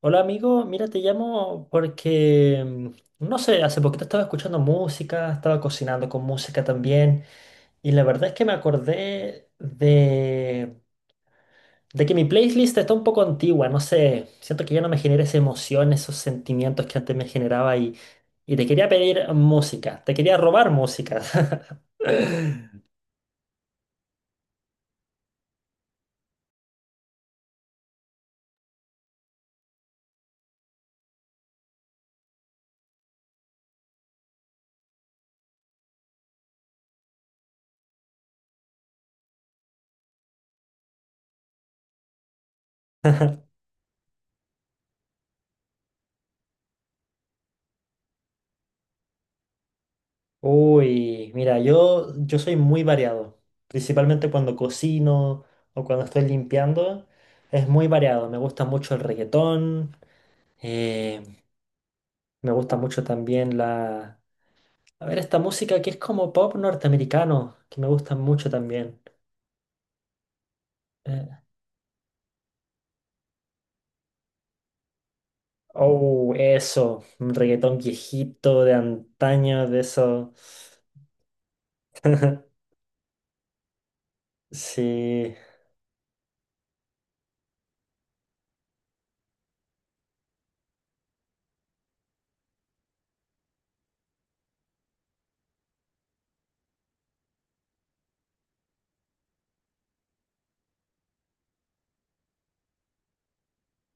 Hola amigo, mira, te llamo porque, no sé, hace poquito estaba escuchando música, estaba cocinando con música también, y la verdad es que de que mi playlist está un poco antigua, no sé, siento que ya no me genera esa emoción, esos sentimientos que antes me generaba y te quería pedir música, te quería robar música. Uy, mira, yo soy muy variado, principalmente cuando cocino o cuando estoy limpiando, es muy variado, me gusta mucho el reggaetón, eh, me gusta mucho también la... A ver, esta música que es como pop norteamericano, que me gusta mucho también. Eh, oh, eso, un reggaetón viejito de antaño, de eso. Sí,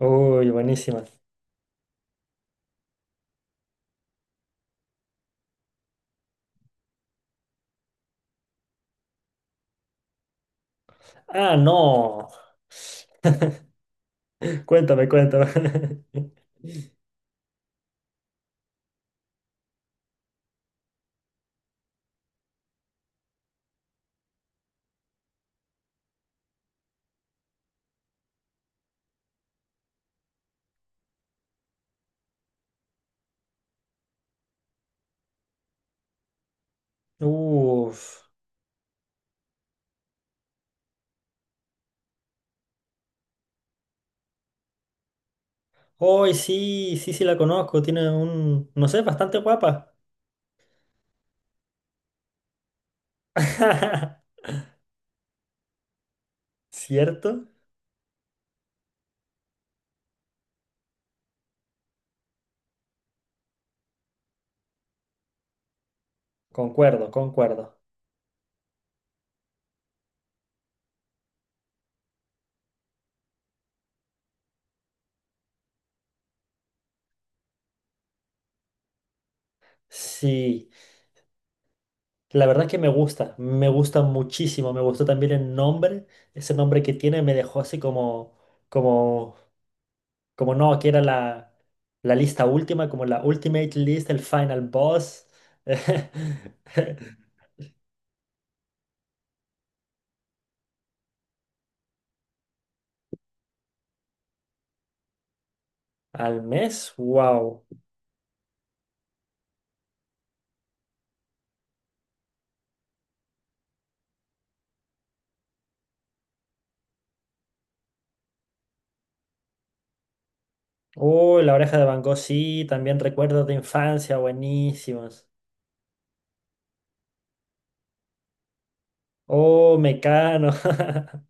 uy, buenísima. Ah, no. Cuéntame, cuéntame. Uf. Hoy sí, sí, sí la conozco. Tiene un, no sé, bastante guapa. ¿Cierto? Concuerdo, concuerdo. Sí, la verdad es que me gusta muchísimo. Me gustó también el nombre. Ese nombre que tiene me dejó así como, como, como no, que era la lista última, como la Ultimate List, el Final Boss. Al mes, wow. Oh, la oreja de Van Gogh, sí, también recuerdos de infancia buenísimos. Oh, Mecano.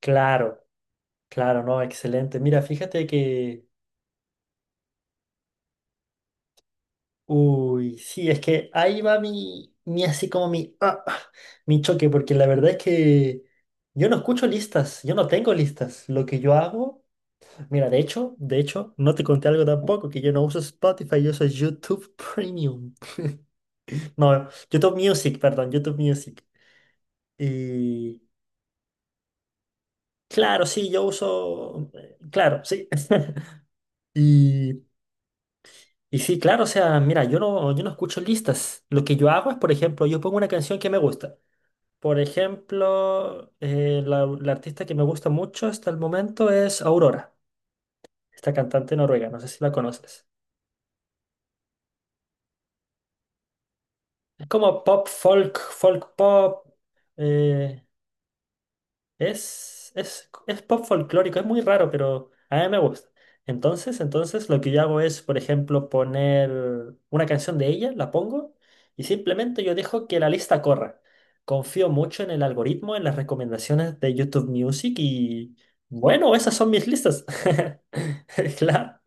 Claro, claro, no, excelente. Mira, uy, sí, es que ahí va mi, así como mi, mi choque, porque la verdad es que yo no escucho listas, yo no tengo listas. Lo que yo hago, mira, de hecho, no te conté algo tampoco, que yo no uso Spotify, yo uso YouTube Premium. No, YouTube Music, perdón, YouTube Music. Y claro, sí, yo uso, claro, sí. Y, y sí, claro, o sea, mira, yo no escucho listas. Lo que yo hago es, por ejemplo, yo pongo una canción que me gusta. Por ejemplo, la artista que me gusta mucho hasta el momento es Aurora, esta cantante noruega, no sé si la conoces. Es como pop, folk, folk pop. eh, Es, es pop folclórico, es muy raro, pero a mí me gusta. Entonces lo que yo hago es, por ejemplo, poner una canción de ella, la pongo y simplemente yo dejo que la lista corra. Confío mucho en el algoritmo, en las recomendaciones de YouTube Music y bueno, esas son mis listas. Claro,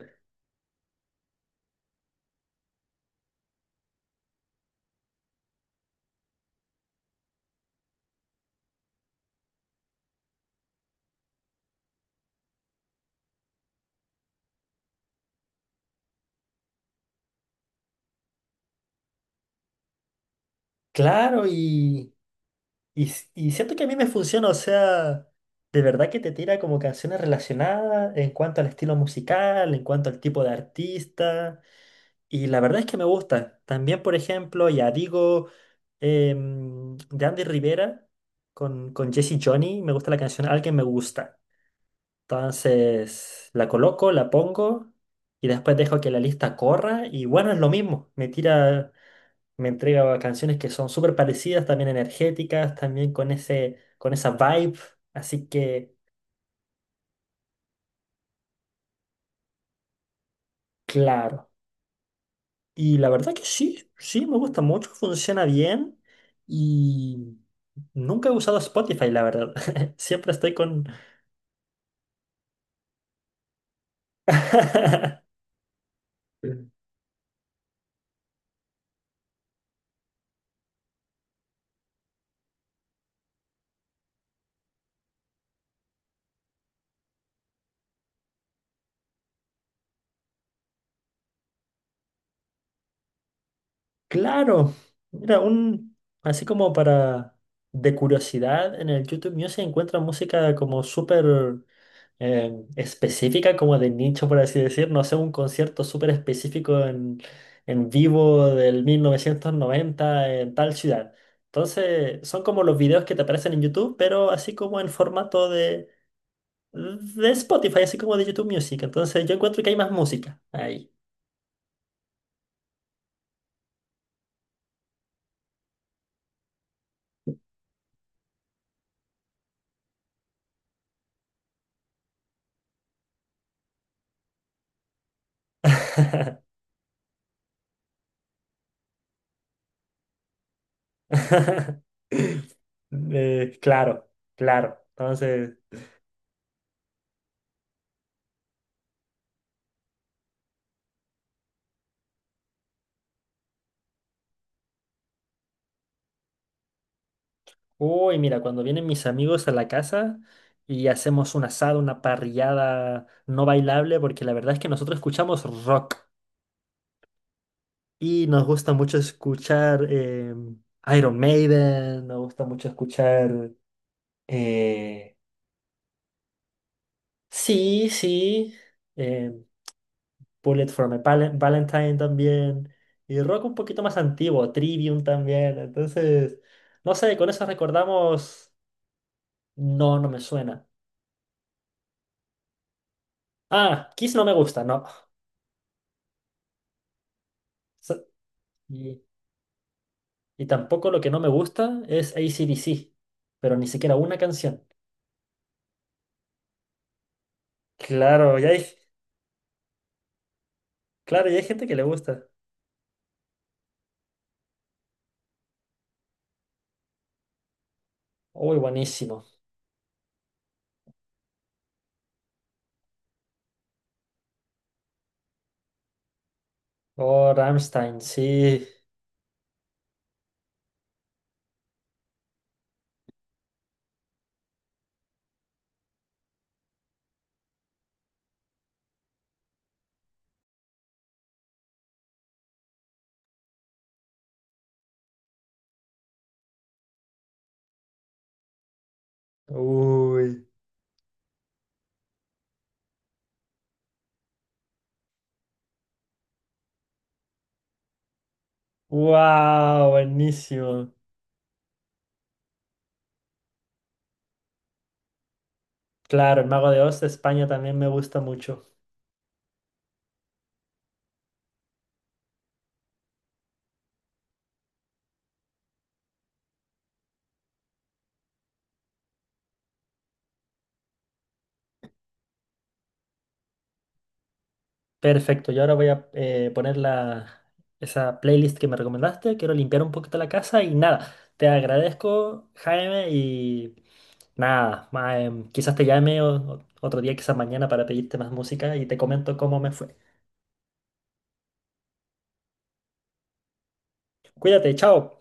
claro, y Y s- y siento que a mí me funciona, o sea, de verdad que te tira como canciones relacionadas en cuanto al estilo musical, en cuanto al tipo de artista, y la verdad es que me gusta. También, por ejemplo, ya digo, de Andy Rivera con Jesse Johnny, me gusta la canción Alguien me gusta. Entonces, la coloco, la pongo, y después dejo que la lista corra, y bueno, es lo mismo, me entrega canciones que son súper parecidas, también energéticas, también con con esa vibe. Así que, claro. Y la verdad que sí, sí, me gusta mucho, funciona bien y nunca he usado Spotify, la verdad. Siempre estoy con... Claro, mira, un, así como para de curiosidad, en el YouTube Music encuentro música como súper específica, como de nicho, por así decir. No sé, un concierto súper específico en vivo del 1990 en tal ciudad. Entonces, son como los videos que te aparecen en YouTube, pero así como en de Spotify, así como de YouTube Music. Entonces, yo encuentro que hay más música ahí. Eh, claro, claro. Entonces, uy, mira, cuando vienen mis amigos a la casa y hacemos un asado, una parrillada no bailable, porque la verdad es que nosotros escuchamos rock y nos gusta mucho escuchar Iron Maiden, nos gusta mucho escuchar... eh, sí, sí, eh, Bullet for My Palen- Valentine también, y rock un poquito más antiguo, Trivium también, entonces, no sé, con eso recordamos... No, no me suena. Ah, Kiss no me gusta, no. Y, y tampoco lo que no me gusta es AC/DC, pero ni siquiera una canción. Claro, claro, y hay gente que le gusta. Uy, buenísimo. Oh, Rammstein, sí. Uy. Wow, buenísimo. Claro, el Mago de Oz de España también me gusta mucho. Perfecto, yo ahora voy a esa playlist que me recomendaste. Quiero limpiar un poquito la casa y nada, te agradezco, Jaime, y... Nada, quizás te llame otro día, quizás mañana para pedirte más música y te comento cómo me fue. Cuídate, chao.